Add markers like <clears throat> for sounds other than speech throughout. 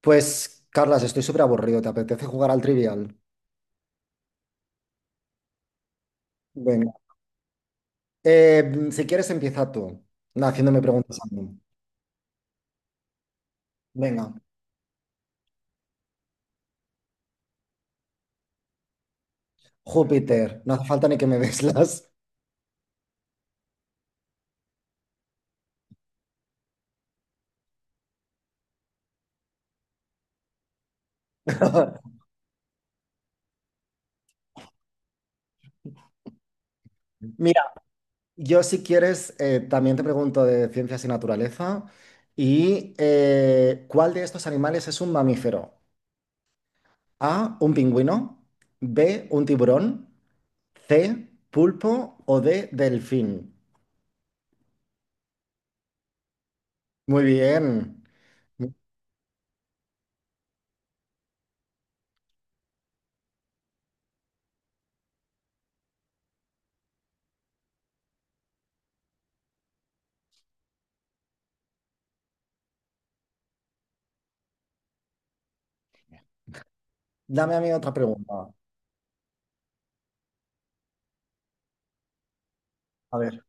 Pues, Carlas, estoy súper aburrido. ¿Te apetece jugar al Trivial? Venga. Si quieres, empieza tú, na, haciéndome preguntas a mí. Venga. Júpiter, no hace falta ni que me des las. <laughs> Mira, yo si quieres, también te pregunto de ciencias y naturaleza. ¿Y cuál de estos animales es un mamífero? A, un pingüino. B, un tiburón. C, pulpo o D, delfín. Muy bien. Dame a mí otra pregunta. A ver.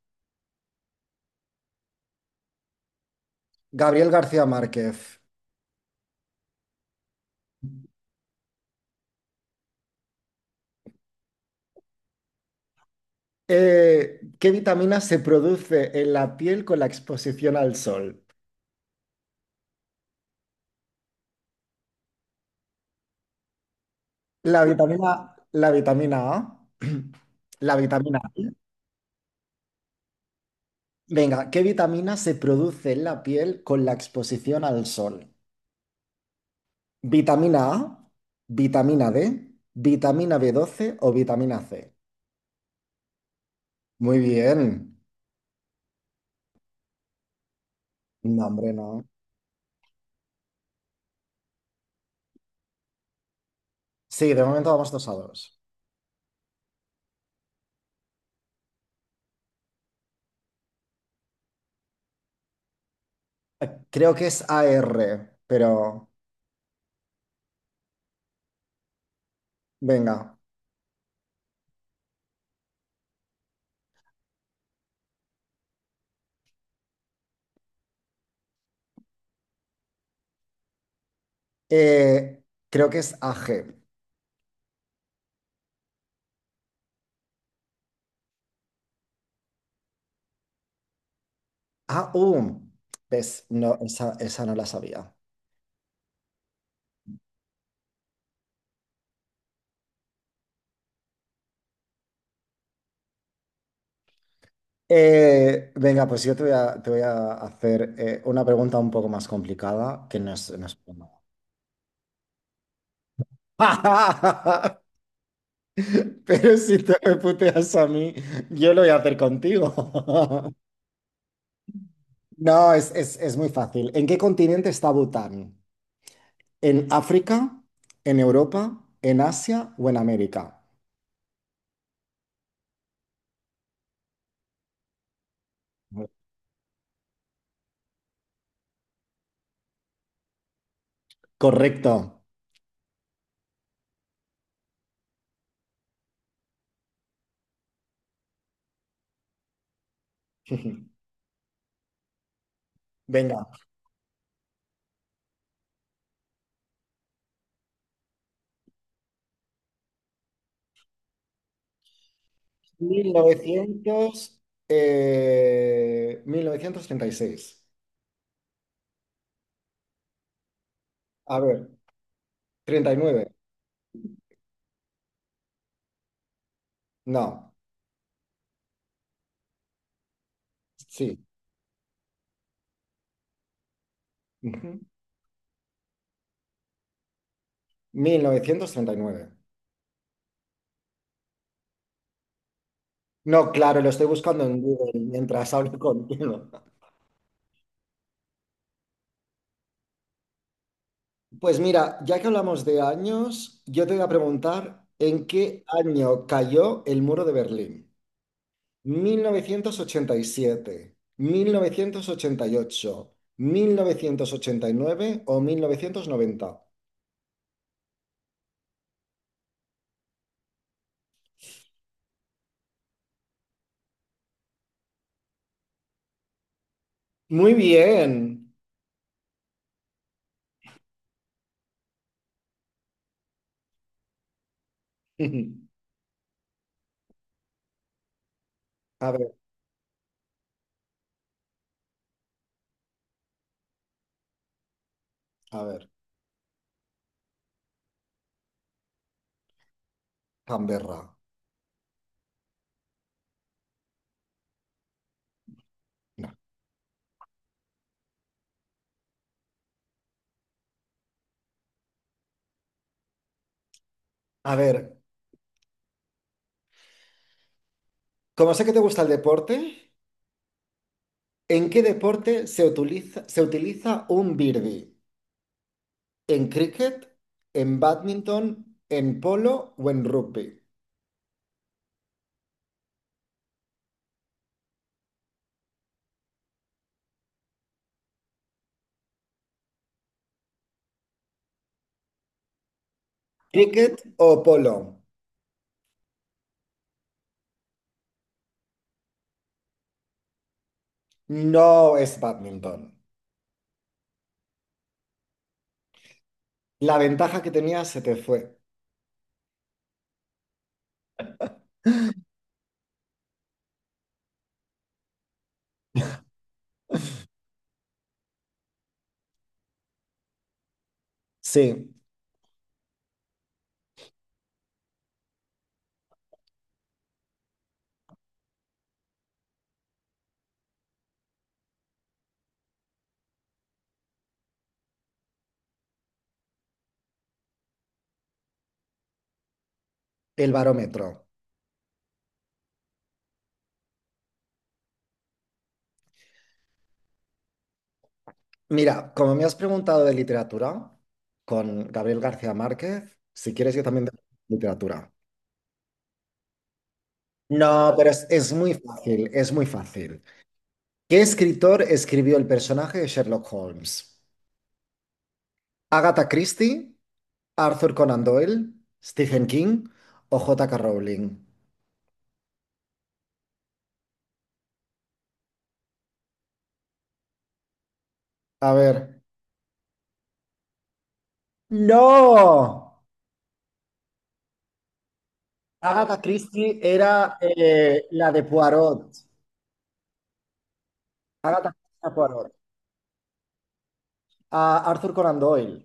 Gabriel García Márquez. ¿Qué vitamina se produce en la piel con la exposición al sol? La vitamina A, <clears throat> la vitamina I. Venga, ¿qué vitamina se produce en la piel con la exposición al sol? ¿Vitamina A, vitamina D, vitamina B12 o vitamina C? Muy bien. No, hombre, no. Sí, de momento vamos 2-2. Creo que es AR, pero venga. Eh, Creo que es AG. Ah, ves, no, esa no la sabía. Venga, pues yo te voy a hacer una pregunta un poco más complicada, que no es para nada. <laughs> Pero si te me puteas a mí, yo lo voy a hacer contigo. <laughs> No, es muy fácil. ¿En qué continente está Bután? ¿En África? ¿En Europa? ¿En Asia o en América? Correcto. <laughs> Venga. 1900, 1936. A ver, treinta y nueve. No, sí. Ujú. 1939. No, claro, lo estoy buscando en Google mientras hablo <laughs> contigo. Pues mira, ya que hablamos de años, yo te voy a preguntar en qué año cayó el muro de Berlín. Mil novecientos ochenta y siete ocho, 1989 o 1990. Muy bien. <laughs> A ver, a ver, Canberra. No. A ver, como sé que te gusta el deporte, ¿en qué deporte se utiliza un birdie? ¿En cricket, en badminton, en polo o en rugby? ¿Cricket o polo? No es badminton. La ventaja que tenía se te fue. Sí, el barómetro. Mira, como me has preguntado de literatura con Gabriel García Márquez, si quieres yo también de literatura. No, pero es muy fácil, es muy fácil. ¿Qué escritor escribió el personaje de Sherlock Holmes? ¿Agatha Christie, Arthur Conan Doyle, Stephen King o J.K. Rowling? A ver. ¡No! Agatha Christie era la de Poirot. Agatha Christie era Poirot. A Arthur Conan Doyle.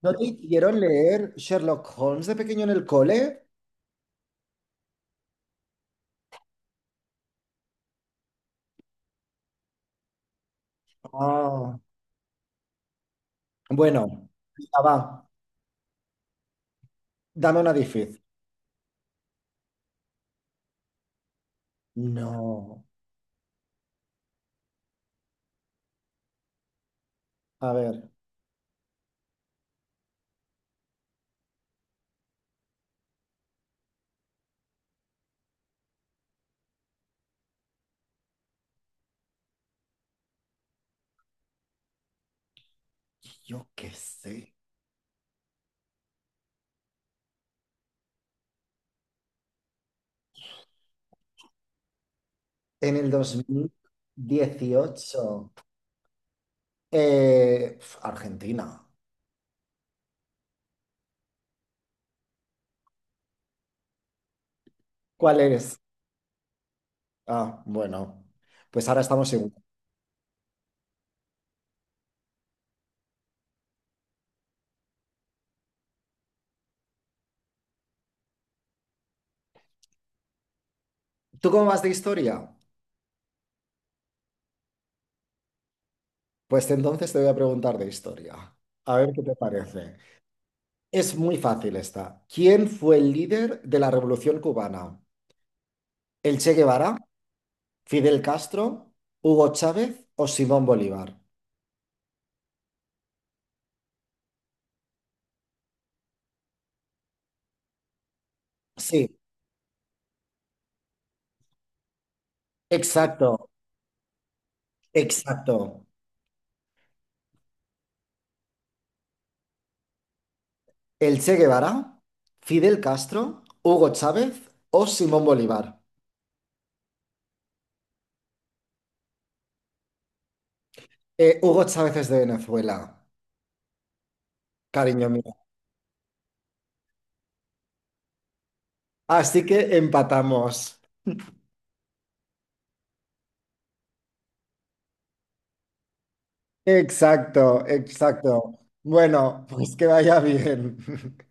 ¿No te hicieron leer Sherlock Holmes de pequeño en el cole? Ah. Bueno, ya va. Dame una difícil. No. A ver, yo qué sé. En el 2018, pf, Argentina. ¿Cuál eres? Ah, bueno, pues ahora estamos en... ¿Tú cómo vas de historia? Pues entonces te voy a preguntar de historia. A ver qué te parece. Es muy fácil esta. ¿Quién fue el líder de la Revolución Cubana? ¿El Che Guevara, Fidel Castro, Hugo Chávez o Simón Bolívar? Sí, exacto, exacto. El Che Guevara, Fidel Castro, Hugo Chávez o Simón Bolívar. Hugo Chávez es de Venezuela, cariño mío. Así que empatamos. Exacto, exacto. Bueno, pues que vaya bien. <laughs>